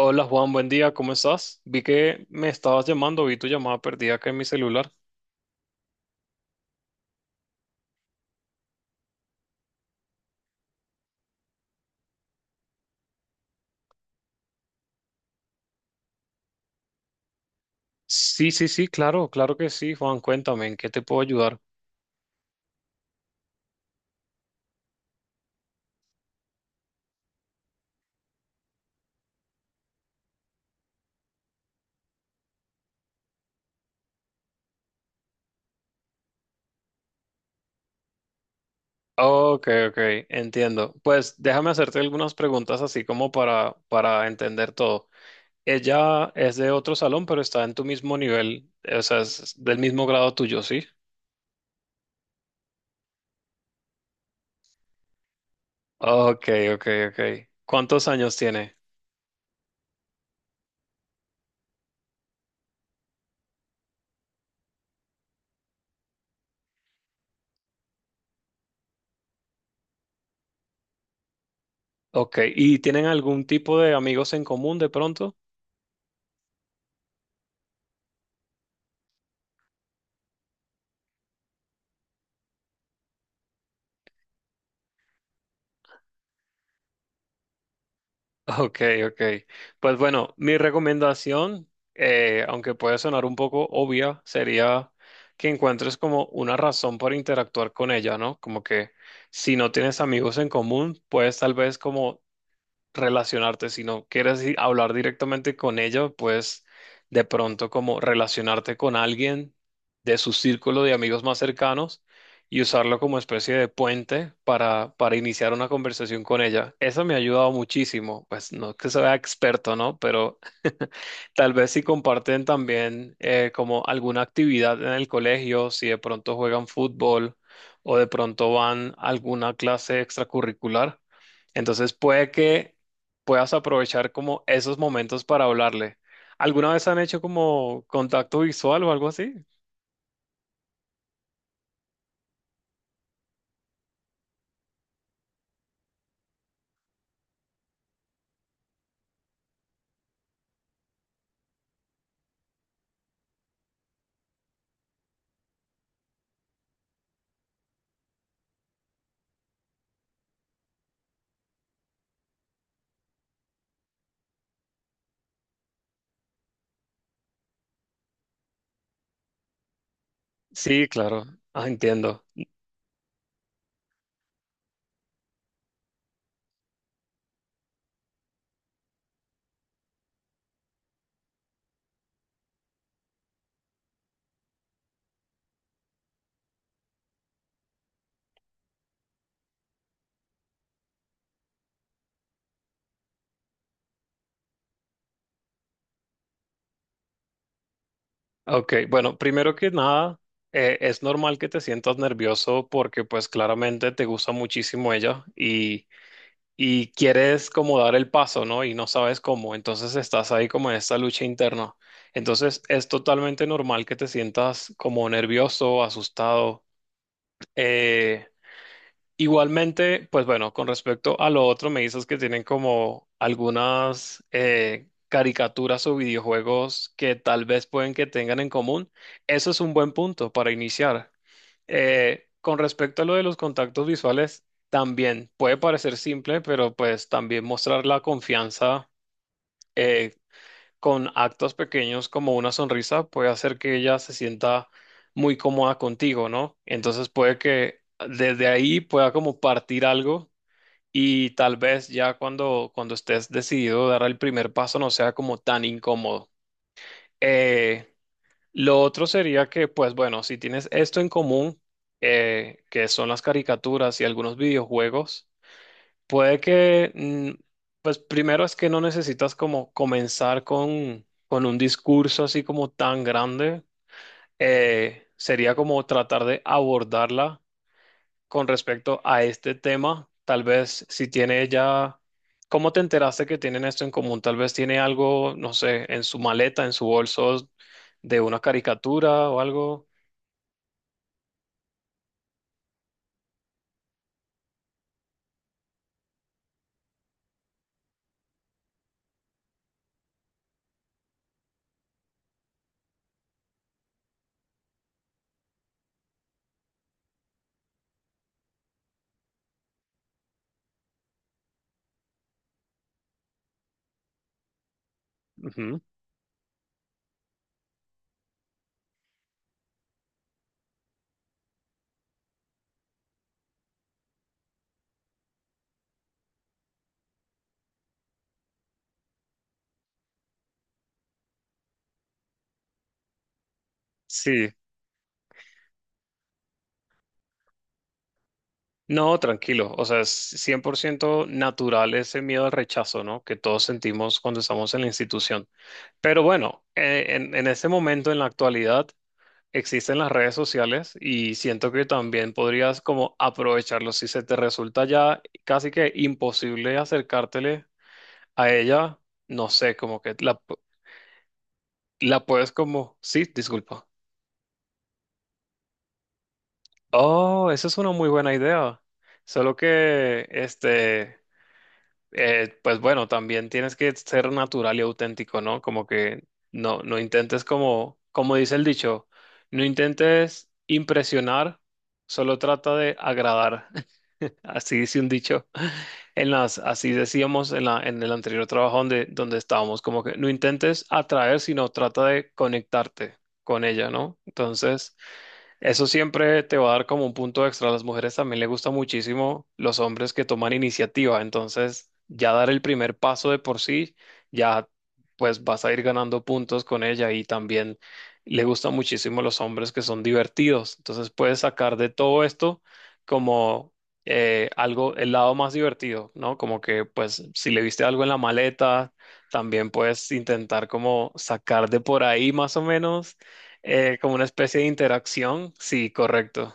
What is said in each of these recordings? Hola Juan, buen día, ¿cómo estás? Vi que me estabas llamando, vi tu llamada perdida acá en mi celular. Sí, sí, sí, claro, claro que sí, Juan, cuéntame, ¿en qué te puedo ayudar? Ok, ok, entiendo. Pues déjame hacerte algunas preguntas así como para entender todo. Ella es de otro salón, pero está en tu mismo nivel, o sea, es del mismo grado tuyo, ¿sí? Ok, ok, ok. ¿Cuántos años tiene? Ok, ¿y tienen algún tipo de amigos en común de pronto? Ok, ok. Pues bueno, mi recomendación, aunque puede sonar un poco obvia, sería que encuentres como una razón para interactuar con ella, ¿no? Como que si no tienes amigos en común, puedes tal vez como relacionarte, si no quieres hablar directamente con ella, pues de pronto como relacionarte con alguien de su círculo de amigos más cercanos y usarlo como especie de puente para iniciar una conversación con ella. Eso me ha ayudado muchísimo, pues no es que sea experto, ¿no? Pero tal vez si comparten también como alguna actividad en el colegio, si de pronto juegan fútbol o de pronto van a alguna clase extracurricular. Entonces puede que puedas aprovechar como esos momentos para hablarle. ¿Alguna vez han hecho como contacto visual o algo así? Sí, claro. Ah, entiendo. Ok, bueno, primero que nada, es normal que te sientas nervioso porque pues claramente te gusta muchísimo ella y quieres como dar el paso, ¿no? Y no sabes cómo, entonces estás ahí como en esta lucha interna. Entonces es totalmente normal que te sientas como nervioso, asustado. Eh, Igualmente, pues bueno, con respecto a lo otro, me dices que tienen como algunas caricaturas o videojuegos que tal vez pueden que tengan en común. Eso es un buen punto para iniciar. Con respecto a lo de los contactos visuales, también puede parecer simple, pero pues también mostrar la confianza eh, con actos pequeños como una sonrisa puede hacer que ella se sienta muy cómoda contigo, ¿no? Entonces puede que desde ahí pueda como partir algo y tal vez ya cuando estés decidido a dar el primer paso no sea como tan incómodo. Eh, lo otro sería que, pues bueno, si tienes esto en común, que son las caricaturas y algunos videojuegos, puede que, pues primero es que no necesitas como comenzar con un discurso así como tan grande. Sería como tratar de abordarla con respecto a este tema, tal vez si tiene ella, ¿cómo te enteraste que tienen esto en común? Tal vez tiene algo, no sé, en su maleta, en su bolso de una caricatura o algo. Ujú. Sí, no, tranquilo, o sea, es 100% natural ese miedo al rechazo, ¿no? Que todos sentimos cuando estamos en la institución. Pero bueno, en este momento, en la actualidad, existen las redes sociales y siento que también podrías como aprovecharlo. Si se te resulta ya casi que imposible acercártele a ella, no sé, como que la, la puedes como... Sí, disculpa. Oh, esa es una muy buena idea. Solo que, este, pues bueno, también tienes que ser natural y auténtico, ¿no? Como que no, no intentes como, como dice el dicho, no intentes impresionar, solo trata de agradar. Así dice un dicho. En las, así decíamos en la, en el anterior trabajo donde estábamos, como que no intentes atraer, sino trata de conectarte con ella, ¿no? Entonces, eso siempre te va a dar como un punto extra. A las mujeres también les gusta muchísimo los hombres que toman iniciativa. Entonces, ya dar el primer paso de por sí, ya pues vas a ir ganando puntos con ella y también le gustan muchísimo los hombres que son divertidos. Entonces, puedes sacar de todo esto como algo, el lado más divertido, ¿no? Como que pues si le viste algo en la maleta, también puedes intentar como sacar de por ahí más o menos como una especie de interacción. Sí, correcto.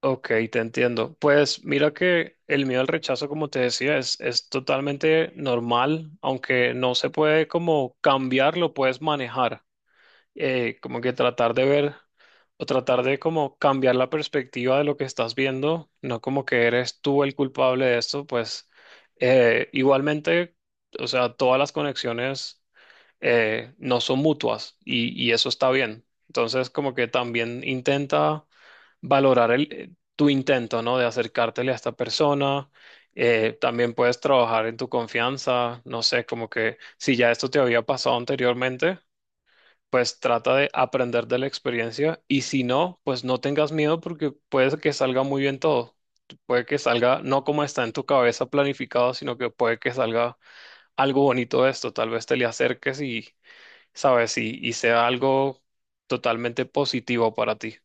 Ok, te entiendo. Pues mira que el miedo al rechazo, como te decía, es totalmente normal, aunque no se puede como cambiar, lo puedes manejar. Como que tratar de ver o tratar de como cambiar la perspectiva de lo que estás viendo, no como que eres tú el culpable de esto, pues igualmente, o sea, todas las conexiones. No son mutuas y eso está bien. Entonces, como que también intenta valorar el, tu intento, ¿no? De acercártele a esta persona. También puedes trabajar en tu confianza, no sé, como que si ya esto te había pasado anteriormente, pues trata de aprender de la experiencia y si no, pues no tengas miedo porque puede que salga muy bien todo. Puede que salga no como está en tu cabeza planificado, sino que puede que salga algo bonito de esto. Tal vez te le acerques y, sabes, y sea algo totalmente positivo para ti.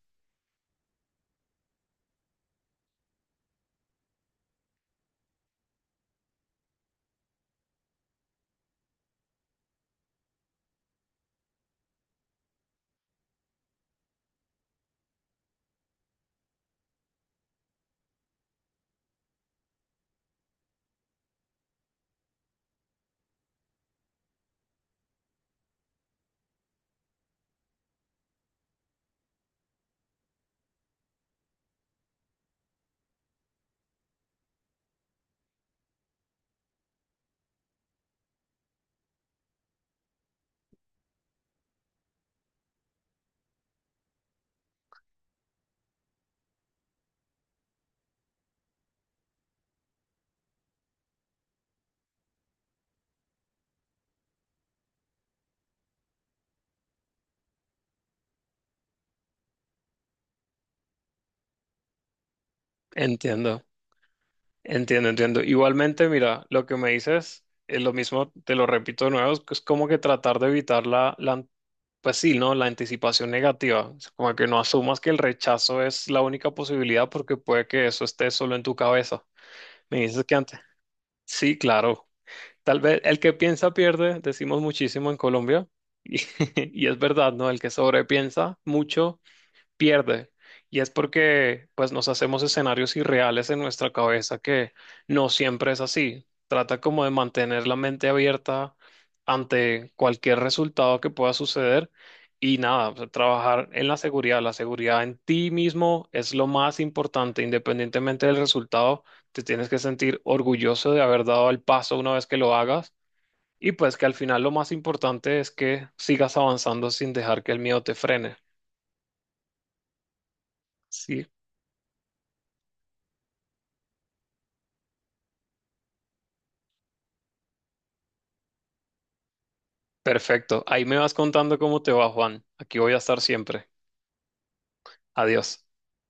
Entiendo. Entiendo, entiendo. Igualmente, mira, lo que me dices es lo mismo, te lo repito de nuevo, es que es como que tratar de evitar pues sí, ¿no? La anticipación negativa. Es como que no asumas que el rechazo es la única posibilidad porque puede que eso esté solo en tu cabeza. Me dices que antes. Sí, claro. Tal vez el que piensa pierde, decimos muchísimo en Colombia. Y, y es verdad, ¿no? El que sobrepiensa mucho pierde. Y es porque pues nos hacemos escenarios irreales en nuestra cabeza que no siempre es así. Trata como de mantener la mente abierta ante cualquier resultado que pueda suceder y nada, o sea, trabajar en la seguridad. La seguridad en ti mismo es lo más importante, independientemente del resultado, te tienes que sentir orgulloso de haber dado el paso una vez que lo hagas y pues que al final lo más importante es que sigas avanzando sin dejar que el miedo te frene. Sí. Perfecto. Ahí me vas contando cómo te va, Juan. Aquí voy a estar siempre. Adiós.